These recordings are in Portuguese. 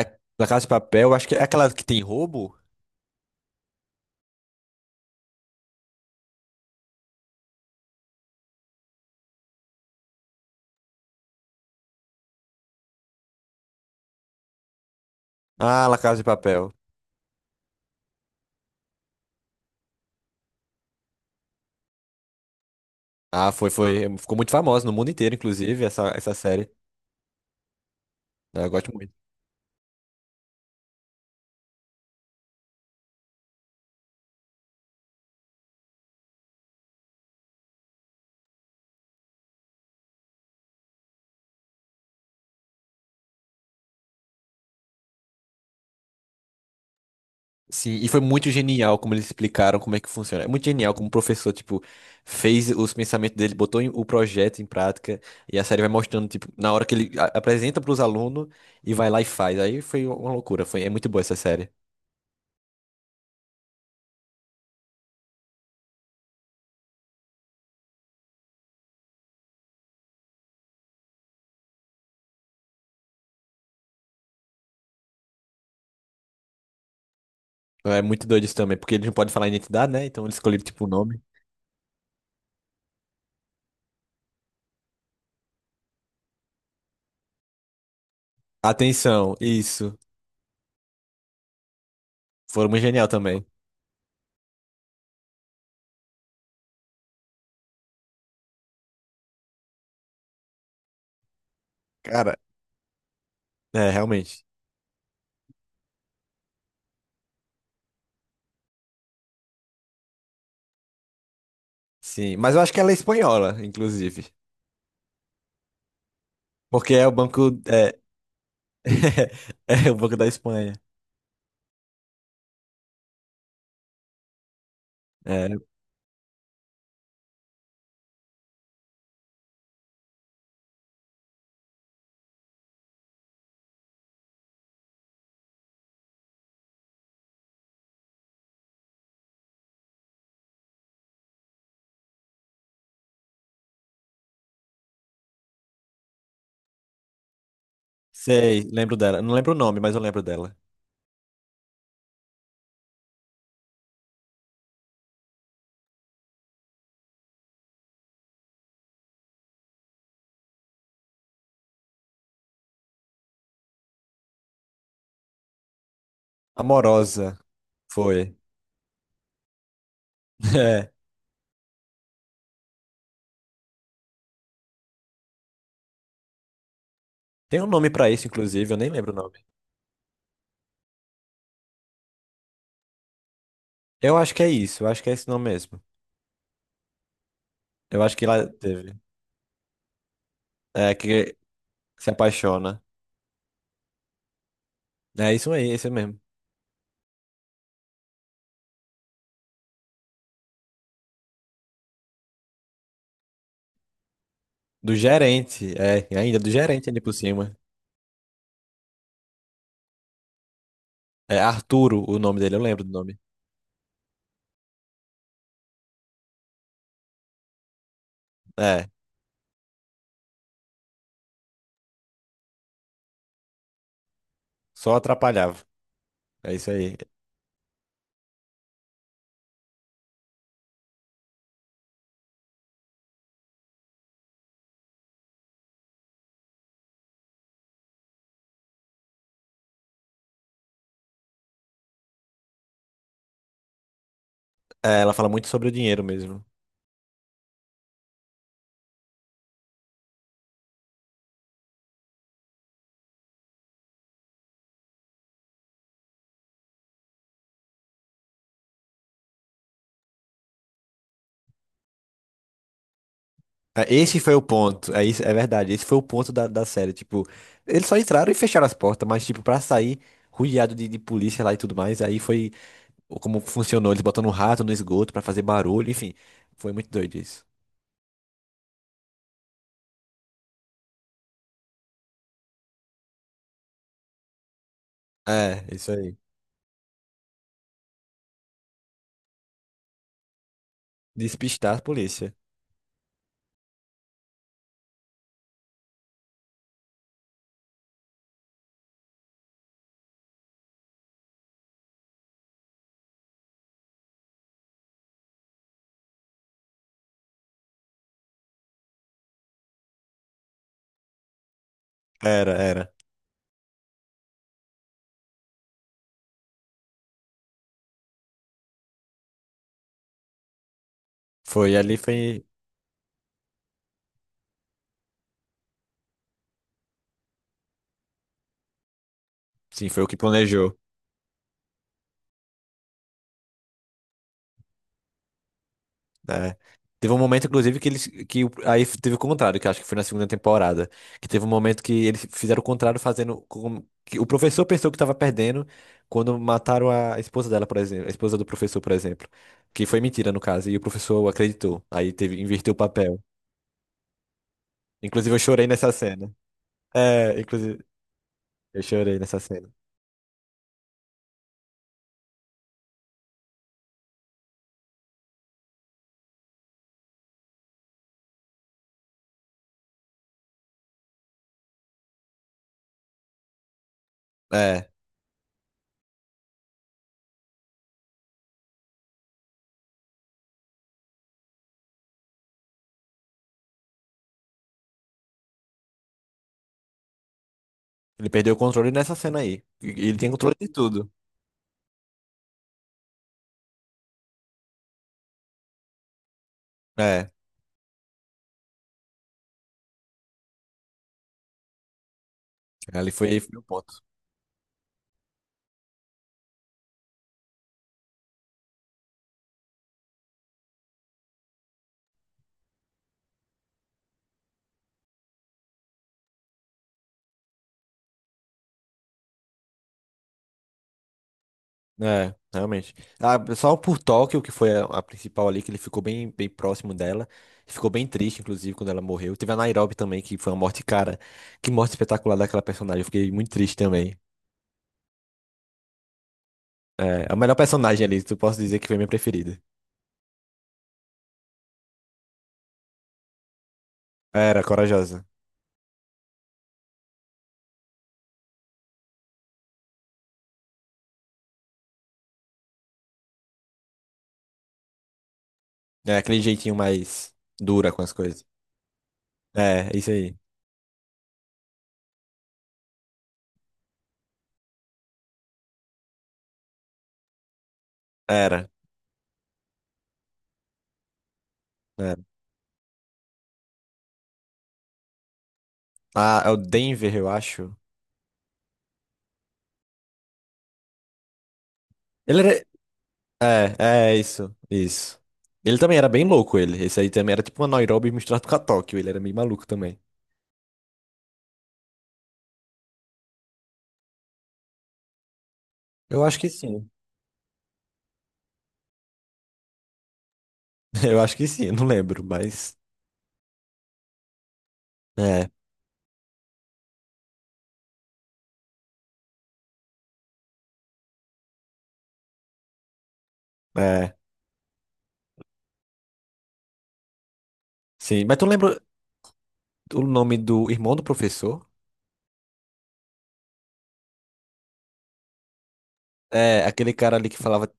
É. La Casa de Papel, acho que é aquela que tem roubo? Ah, La Casa de Papel. Ah, foi, foi. Ficou muito famosa no mundo inteiro, inclusive, essa série. Ah, eu gosto muito. Sim, e foi muito genial como eles explicaram como é que funciona. É muito genial como o professor, tipo, fez os pensamentos dele, o projeto em prática, e a série vai mostrando, tipo, na hora que ele apresenta para os alunos e vai lá e faz. Aí foi uma loucura, foi, é muito boa essa série. É muito doido isso também, porque eles não podem falar identidade, né? Então eles escolheram, tipo, o nome. Atenção, isso. Foi muito genial também. Cara, é, realmente. Sim. Mas eu acho que ela é espanhola, inclusive. Porque é o banco. É, é o banco da Espanha. É, sei, lembro dela. Não lembro o nome, mas eu lembro dela. Amorosa. Foi. É. Tem um nome pra isso, inclusive, eu nem lembro o nome. Eu acho que é isso, eu acho que é esse nome mesmo. Eu acho que lá teve. É, que se apaixona. É isso aí, esse mesmo. Do gerente, é, e ainda do gerente ali por cima. É Arturo o nome dele, eu lembro do nome. É, só atrapalhava. É isso aí. É, ela fala muito sobre o dinheiro mesmo. É, esse foi o ponto. É, isso, é verdade. Esse foi o ponto da série. Tipo, eles só entraram e fecharam as portas, mas, tipo, pra sair rodeado de polícia lá e tudo mais, aí foi como funcionou. Eles botando um rato no esgoto pra fazer barulho, enfim. Foi muito doido isso. É, isso aí. Despistar a polícia. Era, era. Foi ali, foi. Sim, foi o que planejou. Né? Teve um momento, inclusive, que eles. Que, o- aí teve o contrário, que eu acho que foi na segunda temporada. Que teve um momento que eles fizeram o contrário, fazendo. Que o professor pensou que estava perdendo quando mataram a esposa dela, por exemplo. A esposa do professor, por exemplo. Que foi mentira, no caso. E o professor acreditou. Aí teve, inverteu o papel. Inclusive, eu chorei nessa cena. É, inclusive, eu chorei nessa cena. É. Ele perdeu o controle nessa cena aí. Ele tem controle de tudo. É. Ali foi, foi o ponto. É, realmente. Ah, só por Tóquio, que foi a principal ali, que ele ficou bem, bem próximo dela. Ficou bem triste, inclusive, quando ela morreu. Teve a Nairobi também, que foi uma morte, cara. Que morte espetacular daquela personagem. Eu fiquei muito triste também. É, a melhor personagem ali, tu posso dizer que foi minha preferida. Era, corajosa. É, aquele jeitinho mais dura com as coisas. É, isso aí. Era. Era. Ah, é o Denver, eu acho. Ele era. É, isso, isso. Ele também era bem louco, ele. Esse aí também era tipo uma Nairobi misturado com a Tóquio. Ele era meio maluco também. Eu acho que sim. Eu acho que sim, eu não lembro, mas. É, é. Sim, mas tu lembra o nome do irmão do professor? É, aquele cara ali que falava.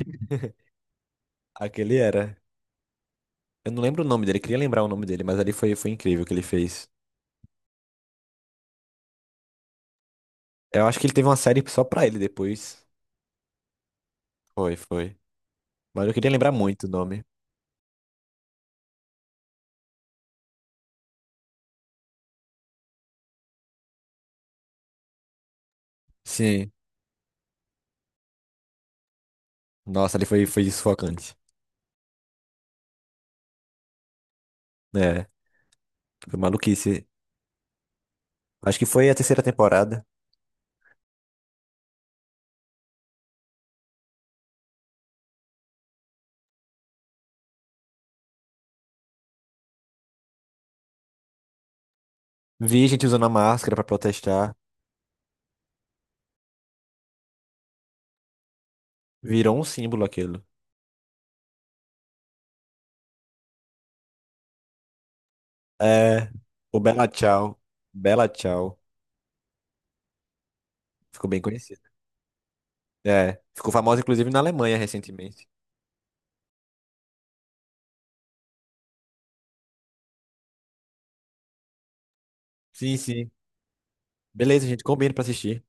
Aquele era. Eu não lembro o nome dele, queria lembrar o nome dele, mas ali foi, foi incrível o que ele fez. Eu acho que ele teve uma série só pra ele depois. Foi, foi. Mas eu queria lembrar muito o nome. Sim. Nossa, ali foi, foi sufocante. É, foi maluquice. Acho que foi a terceira temporada. Vi gente usando a máscara pra protestar. Virou um símbolo aquilo. É, o Bella Ciao. Bella Ciao. Ficou bem conhecido. É, ficou famosa inclusive na Alemanha recentemente. Sim, sim. Beleza, gente, combina pra assistir.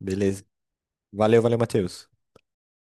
Beleza. Valeu, valeu, Matheus.